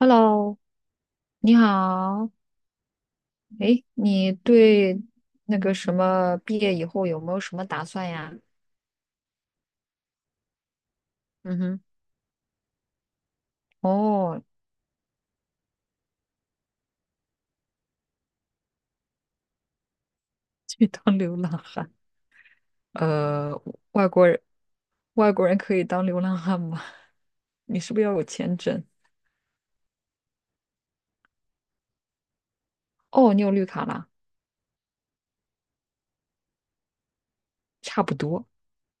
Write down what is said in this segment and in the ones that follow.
Hello，你好。哎，你对那个什么毕业以后有没有什么打算呀？嗯哼，哦，去当流浪汉。呃，外国人，外国人可以当流浪汉吗？你是不是要有签证？哦，你有绿卡啦，差不多，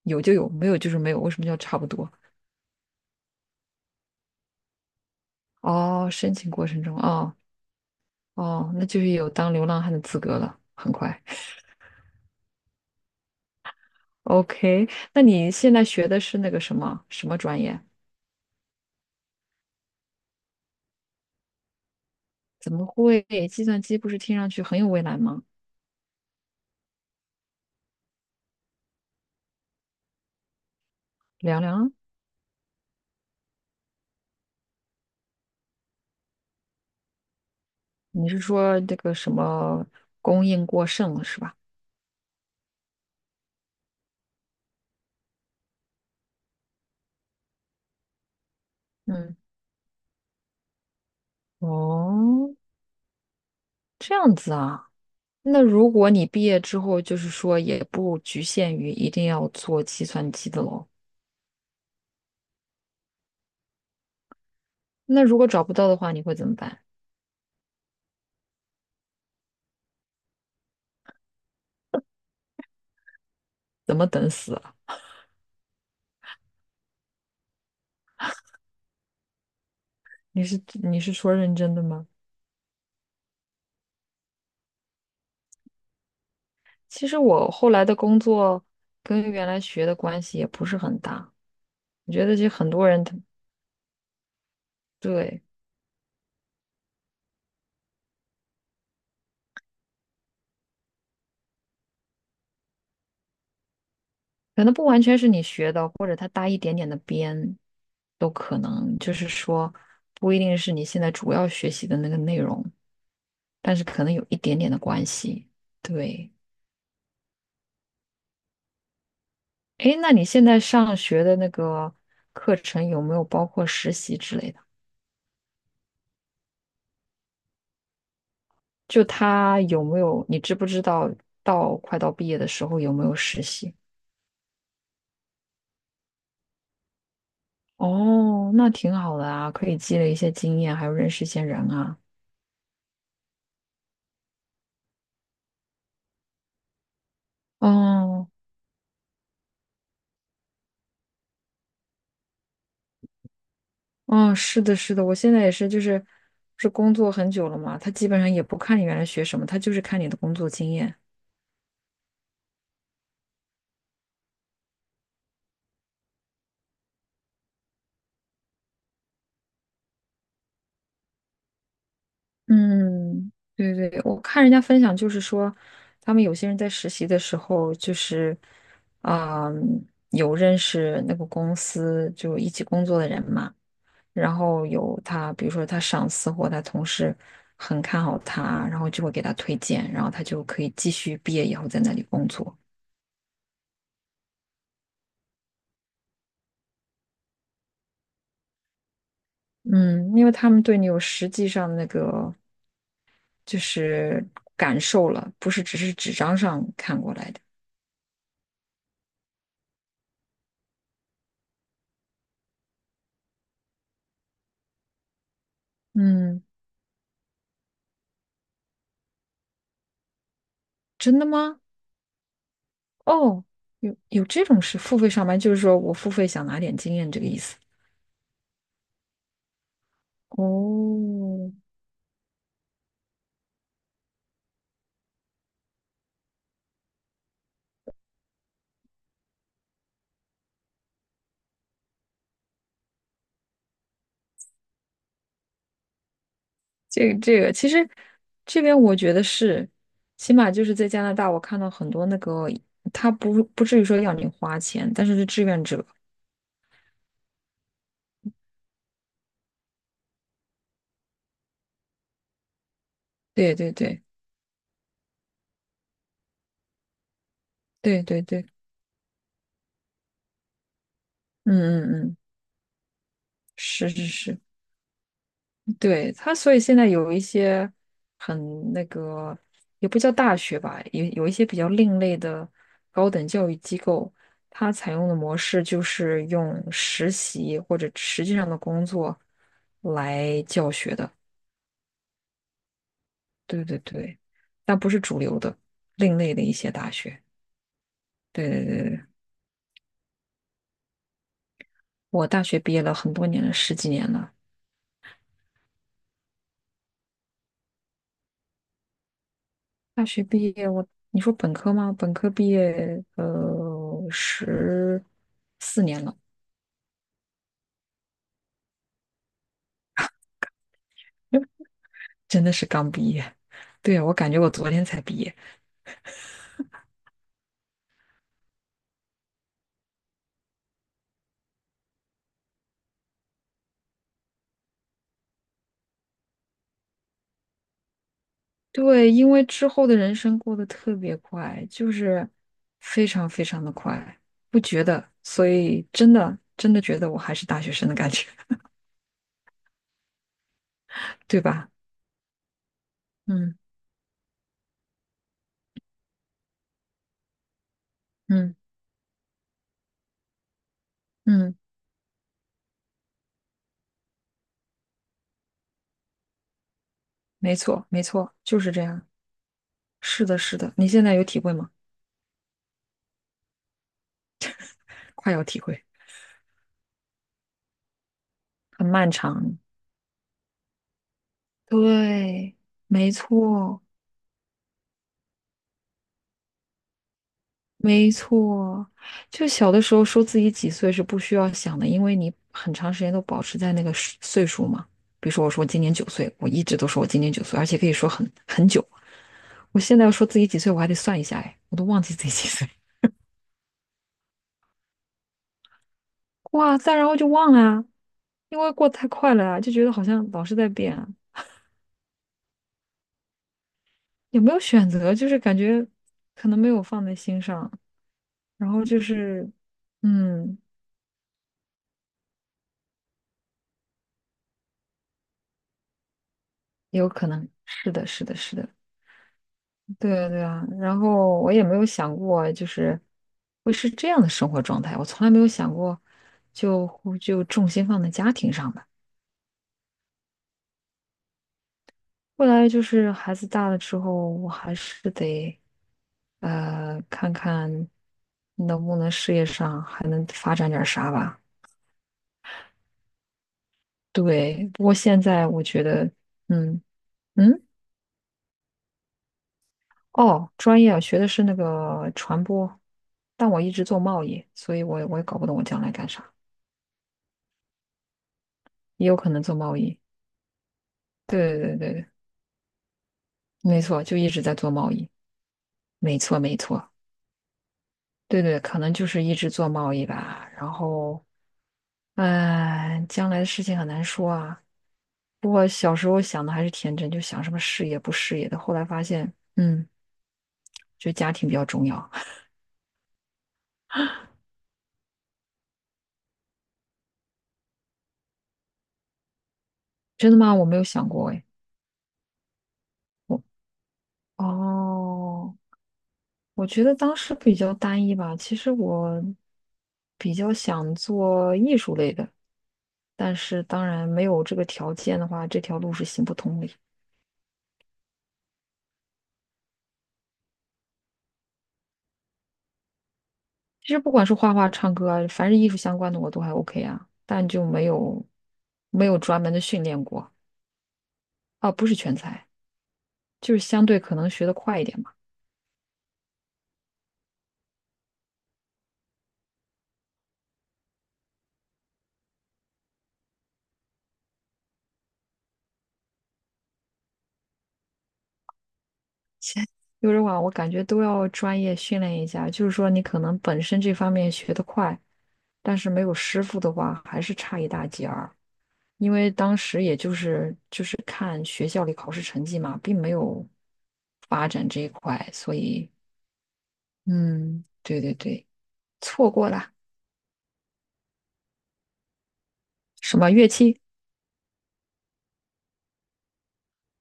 有就有，没有就是没有。为什么叫差不多？哦，申请过程中，哦哦，那就是有当流浪汉的资格了，很快。OK，那你现在学的是那个什么什么专业？怎么会？计算机不是听上去很有未来吗？凉凉，你是说这个什么供应过剩了是吧？嗯，哦，这样子啊。那如果你毕业之后，就是说也不局限于一定要做计算机的喽。那如果找不到的话，你会怎么办？怎么等死啊？你是说认真的吗？其实我后来的工作跟原来学的关系也不是很大，我觉得这很多人他对。可能不完全是你学的，或者它搭一点点的边，都可能。就是说，不一定是你现在主要学习的那个内容，但是可能有一点点的关系。对，诶，那你现在上学的那个课程有没有包括实习之类的？就它有没有，你知不知道到快到毕业的时候有没有实习？哦，那挺好的啊，可以积累一些经验，还有认识一些人啊。哦，嗯，是的，是的，我现在也是，就是不是工作很久了嘛，他基本上也不看你原来学什么，他就是看你的工作经验。嗯，对对，我看人家分享就是说，他们有些人在实习的时候，就是啊、有认识那个公司就一起工作的人嘛，然后有他，比如说他上司或他同事很看好他，然后就会给他推荐，然后他就可以继续毕业以后在那里工作。嗯，因为他们对你有实际上那个就是感受了，不是只是纸张上看过来的。嗯，真的吗？哦，有这种事，付费上班就是说我付费想拿点经验这个意思。哦，这个，其实这边我觉得是，起码就是在加拿大，我看到很多那个，他不至于说要你花钱，但是是志愿者。对对对对对对，嗯嗯嗯，是是是。对，他，所以现在有一些很那个，也不叫大学吧，有一些比较另类的高等教育机构，它采用的模式就是用实习或者实际上的工作来教学的。对对对，但不是主流的，另类的一些大学。对对对对，我大学毕业了很多年了，十几年了。大学毕业我，你说本科吗？本科毕业，十四年了。真的是刚毕业。对啊，我感觉我昨天才毕业。对，因为之后的人生过得特别快，就是非常非常的快，不觉得，所以真的真的觉得我还是大学生的感觉，对吧？嗯嗯嗯，没错没错，就是这样。是的，是的，你现在有体会吗？快要体会，很漫长。对，没错。没错，就小的时候说自己几岁是不需要想的，因为你很长时间都保持在那个时岁数嘛。比如说，我说我今年九岁，我一直都说我今年九岁，而且可以说很久。我现在要说自己几岁，我还得算一下，哎，我都忘记自己几岁。哇塞，然后就忘了啊，因为过得太快了啊，就觉得好像老是在变啊，有没有选择，就是感觉可能没有放在心上，然后就是，嗯，有可能是的，是的，是的。对啊，对啊，然后我也没有想过，就是会是这样的生活状态，我从来没有想过就，就重心放在家庭上吧。后来就是孩子大了之后，我还是得看看能不能事业上还能发展点儿啥吧。对，不过现在我觉得，嗯嗯，哦，专业啊，学的是那个传播，但我一直做贸易，所以我也搞不懂我将来干啥，也有可能做贸易。对对对对，没错，就一直在做贸易，没错没错，对对，可能就是一直做贸易吧。然后，哎，将来的事情很难说啊。不过小时候想的还是天真，就想什么事业不事业的。后来发现，嗯，就家庭比较重要。真的吗？我没有想过哎。我哦，我觉得当时比较单一吧。其实我比较想做艺术类的，但是当然没有这个条件的话，这条路是行不通的。其实不管是画画、唱歌啊，凡是艺术相关的我都还 OK 啊，但就没有专门的训练过啊，不是全才，就是相对可能学得快一点嘛。现有的话，我感觉都要专业训练一下，就是说你可能本身这方面学得快，但是没有师傅的话，还是差一大截儿。因为当时也就是看学校里考试成绩嘛，并没有发展这一块，所以嗯，对对对，错过了什么乐器？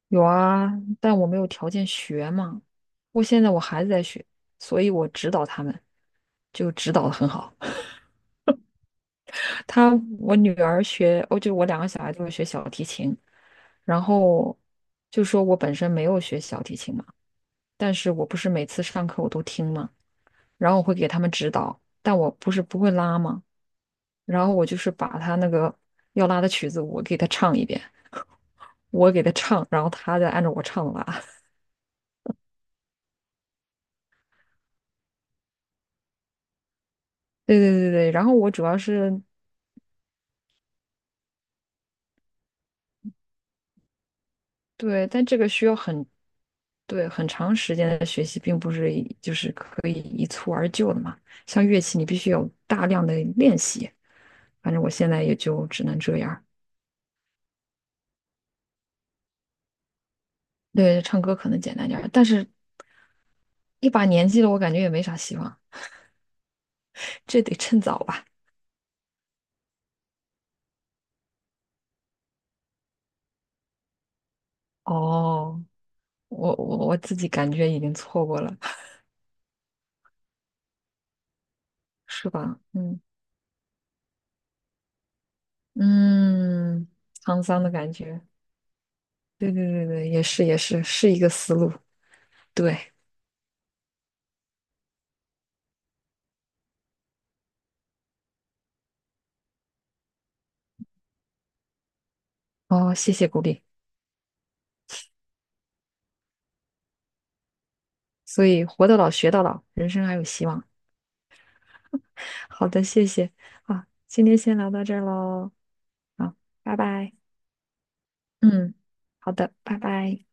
有啊，但我没有条件学嘛。我现在我孩子在学，所以我指导他们，就指导的很好。他我女儿学，哦，就我两个小孩都是学小提琴，然后就说我本身没有学小提琴嘛，但是我不是每次上课我都听嘛，然后我会给他们指导，但我不是不会拉嘛，然后我就是把他那个要拉的曲子我给他唱一遍，我给他唱，然后他再按照我唱拉。对对对对，然后我主要是对，但这个需要对很长时间的学习，并不是就是可以一蹴而就的嘛。像乐器，你必须有大量的练习。反正我现在也就只能这样儿对，唱歌可能简单点儿，但是一把年纪了，我感觉也没啥希望，这得趁早吧。哦，我自己感觉已经错过了，是吧？嗯嗯，沧桑的感觉。对对对对，也是也是，是一个思路。对，哦，谢谢鼓励。所以活到老学到老，人生还有希望。好的，谢谢啊，今天先聊到这儿喽，啊，拜拜。嗯，好的，拜拜。